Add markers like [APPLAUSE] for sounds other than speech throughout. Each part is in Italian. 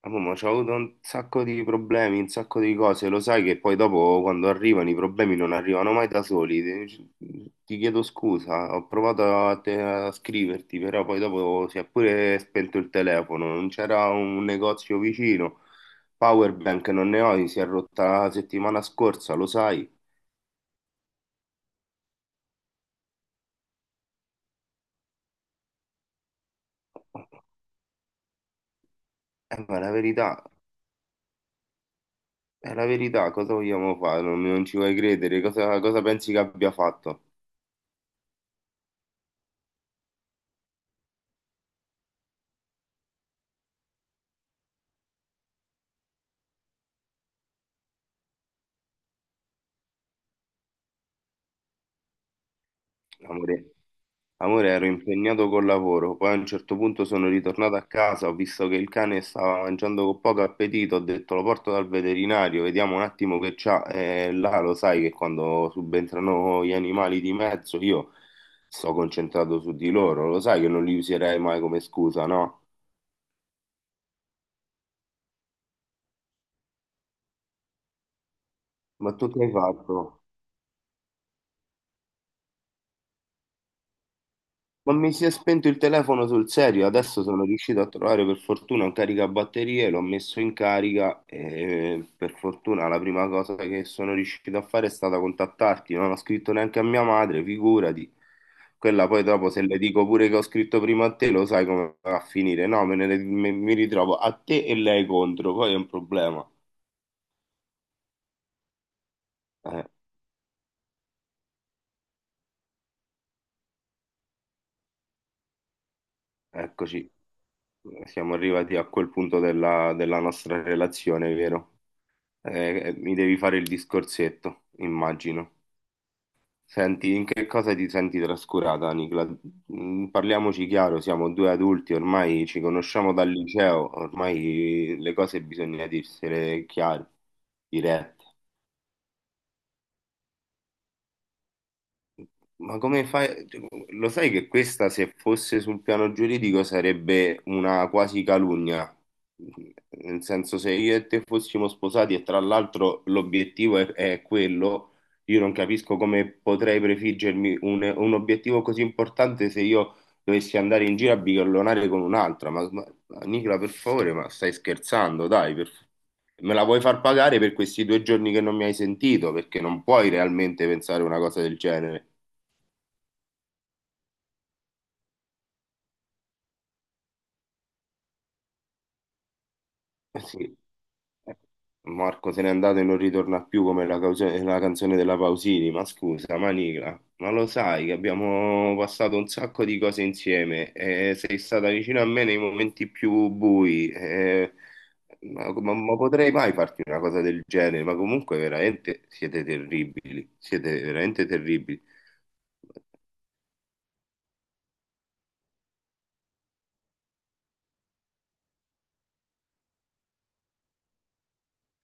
Ah, mamma, c'ho avuto un sacco di problemi, un sacco di cose, lo sai che poi dopo quando arrivano i problemi non arrivano mai da soli. Ti chiedo scusa, ho provato a scriverti, però poi dopo si è pure spento il telefono, non c'era un negozio vicino. Powerbank non ne ho, si è rotta la settimana scorsa, lo sai. Ma è la verità, cosa vogliamo fare? Non ci vuoi credere, cosa pensi che abbia fatto, amore? Amore, ero impegnato col lavoro, poi a un certo punto sono ritornato a casa, ho visto che il cane stava mangiando con poco appetito, ho detto lo porto dal veterinario, vediamo un attimo che c'ha. E là lo sai che quando subentrano gli animali di mezzo io sto concentrato su di loro, lo sai che non li userei mai come scusa, no? Ma tu che hai fatto? Ma mi si è spento il telefono sul serio, adesso sono riuscito a trovare per fortuna un caricabatterie, l'ho messo in carica e per fortuna la prima cosa che sono riuscito a fare è stata contattarti, non ho scritto neanche a mia madre, figurati, quella poi dopo se le dico pure che ho scritto prima a te lo sai come va a finire, no, mi ritrovo a te e lei contro, poi è un problema. Eh, eccoci, siamo arrivati a quel punto della nostra relazione, vero? Mi devi fare il discorsetto, immagino. Senti, in che cosa ti senti trascurata, Nicola? Parliamoci chiaro, siamo due adulti, ormai ci conosciamo dal liceo, ormai le cose bisogna dirsele chiare, dirette. Ma come fai? Cioè, lo sai che questa, se fosse sul piano giuridico, sarebbe una quasi calunnia. Nel senso, se io e te fossimo sposati e tra l'altro l'obiettivo è quello, io non capisco come potrei prefiggermi un obiettivo così importante se io dovessi andare in giro a bighellonare con un'altra. Ma Nicola, per favore, ma stai scherzando? Dai, me la vuoi far pagare per questi due giorni che non mi hai sentito? Perché non puoi realmente pensare una cosa del genere. Eh sì, eh, Marco se n'è andato e non ritorna più come la canzone della Pausini, ma scusa, Manigla, ma lo sai che abbiamo passato un sacco di cose insieme e sei stata vicino a me nei momenti più bui, ma potrei mai farti una cosa del genere, ma comunque veramente siete terribili, siete veramente terribili.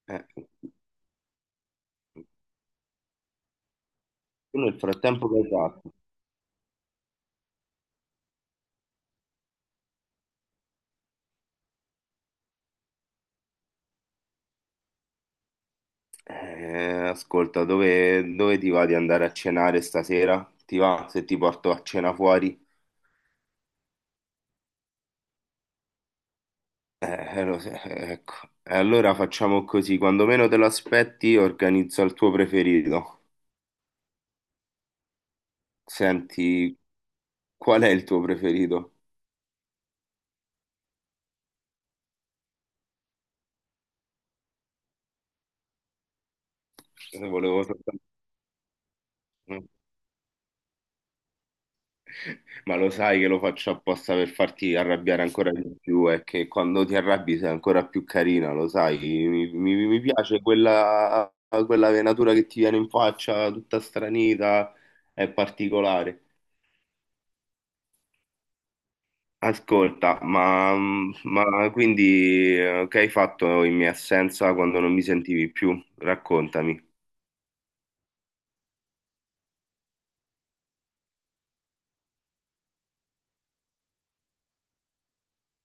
Eh, tu nel frattempo che hai fatto? Ascolta, dove ti va di andare a cenare stasera? Ti va se ti porto a cena fuori? Lo so, ecco. E allora facciamo così, quando meno te lo aspetti, organizzo il tuo preferito. Senti, qual è il tuo preferito? Volevo soltanto. Ma lo sai che lo faccio apposta per farti arrabbiare ancora di più e che quando ti arrabbi sei ancora più carina, lo sai. Mi piace quella venatura che ti viene in faccia, tutta stranita, è particolare. Ascolta, ma quindi che hai fatto in mia assenza quando non mi sentivi più? Raccontami.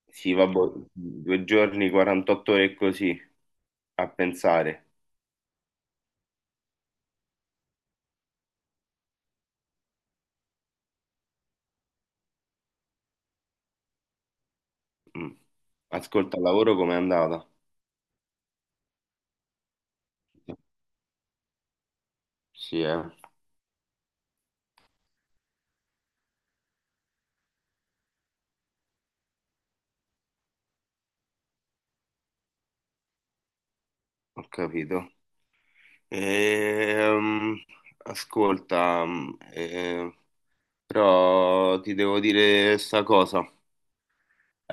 Sì, vabbè, due giorni, 48 ore e così, a pensare. Mm. Ascolta, il lavoro com'è andata? Sì, eh. Ho capito. Ehm, ascolta, però ti devo dire sta cosa.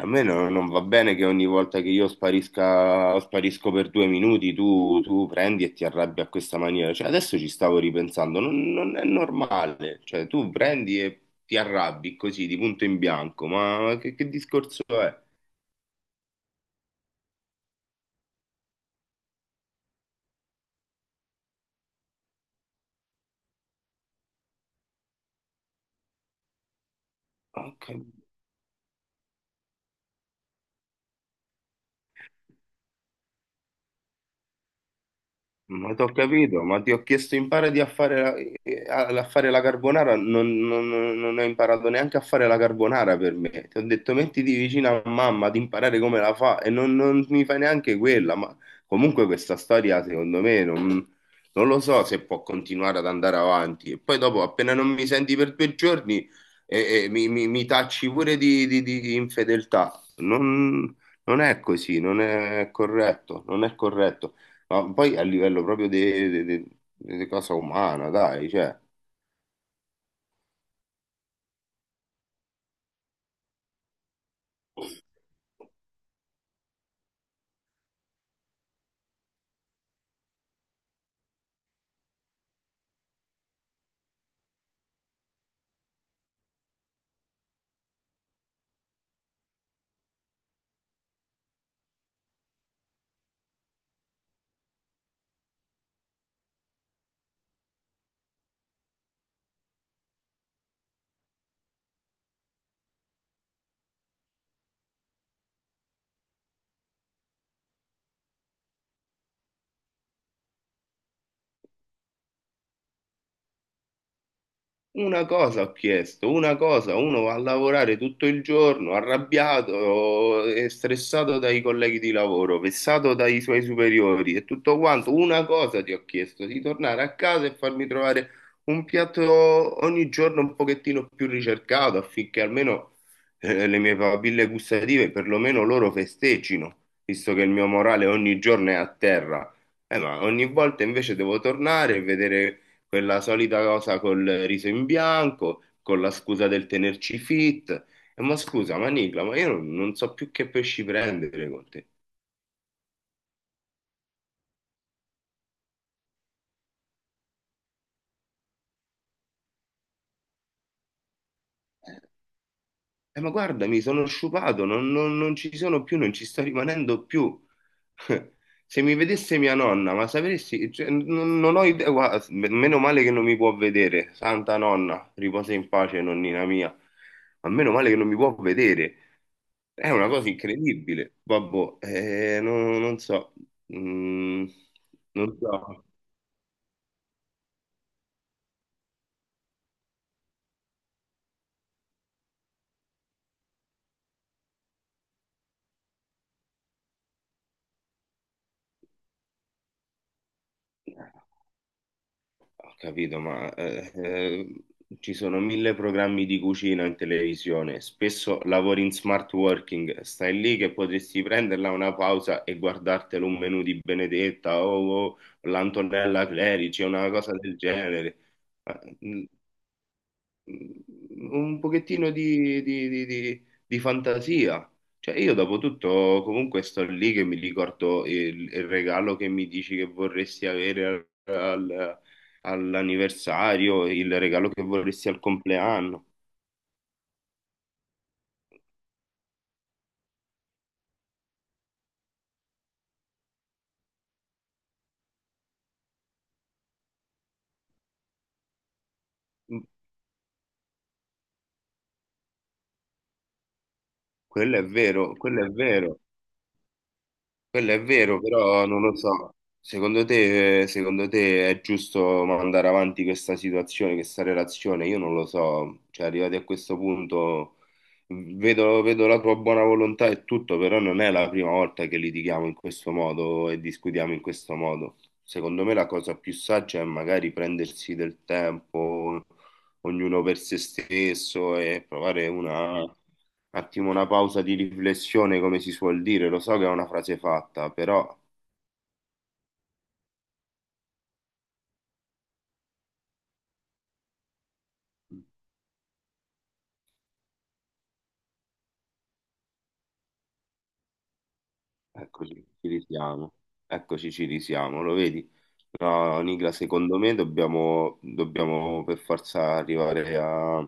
A me non va bene che ogni volta che io sparisca, sparisco per due minuti, tu prendi e ti arrabbi a questa maniera. Cioè, adesso ci stavo ripensando, non è normale. Cioè, tu prendi e ti arrabbi così, di punto in bianco. Ma che discorso è? Ok. Ma ti ho capito, ma ti ho chiesto impari a fare la carbonara, non ho imparato neanche a fare la carbonara per me. Ti ho detto mettiti vicino a mamma ad imparare come la fa e non mi fai neanche quella, ma comunque questa storia secondo me non lo so se può continuare ad andare avanti. E poi dopo appena non mi senti per due giorni mi tacci pure di infedeltà. Non è così, non è corretto, non è corretto ma poi a livello proprio di, di cosa umana, dai, cioè. Una cosa ho chiesto, una cosa, uno va a lavorare tutto il giorno, arrabbiato e stressato dai colleghi di lavoro, vessato dai suoi superiori e tutto quanto. Una cosa ti ho chiesto, di tornare a casa e farmi trovare un piatto ogni giorno un pochettino più ricercato affinché almeno le mie papille gustative, perlomeno loro festeggino, visto che il mio morale ogni giorno è a terra. Ma ogni volta invece devo tornare e vedere quella solita cosa col riso in bianco, con la scusa del tenerci fit. E ma scusa, ma Nicla, ma io non so più che pesci prendere con te. Ma guarda, mi sono sciupato, non ci sono più, non ci sto rimanendo più. [LAUGHS] Se mi vedesse mia nonna, ma sapresti, cioè, non ho idea, guarda, meno male che non mi può vedere, santa nonna, riposa in pace, nonnina mia, ma meno male che non mi può vedere. È una cosa incredibile, babbo. Non so, Mm, non so. Eh, ho capito, ma ci sono mille programmi di cucina in televisione, spesso lavori in smart working, stai lì che potresti prenderla una pausa e guardartelo un menù di Benedetta o l'Antonella Clerici, una cosa del genere. Ma, mm, un pochettino di fantasia. Cioè, io dopo tutto comunque sto lì che mi ricordo il regalo che mi dici che vorresti avere al- al- all'anniversario, il regalo che vorresti al compleanno. Quello è vero, quello è vero. Quello è vero, però non lo so. Secondo te è giusto mandare avanti questa situazione, questa relazione? Io non lo so. Cioè, arrivati a questo punto, vedo la tua buona volontà e tutto, però non è la prima volta che litighiamo in questo modo e discutiamo in questo modo. Secondo me la cosa più saggia è magari prendersi del tempo, ognuno per se stesso e provare una un attimo, una pausa di riflessione, come si suol dire, lo so che è una frase fatta, però eccoci, ci risiamo, eccoci, ci risiamo, lo vedi? No, Nicla, secondo me dobbiamo per forza arrivare a-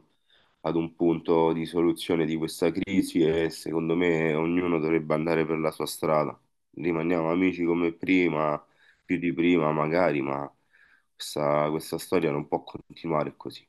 ad un punto di soluzione di questa crisi e secondo me ognuno dovrebbe andare per la sua strada. Rimaniamo amici come prima, più di prima magari, ma questa storia non può continuare così.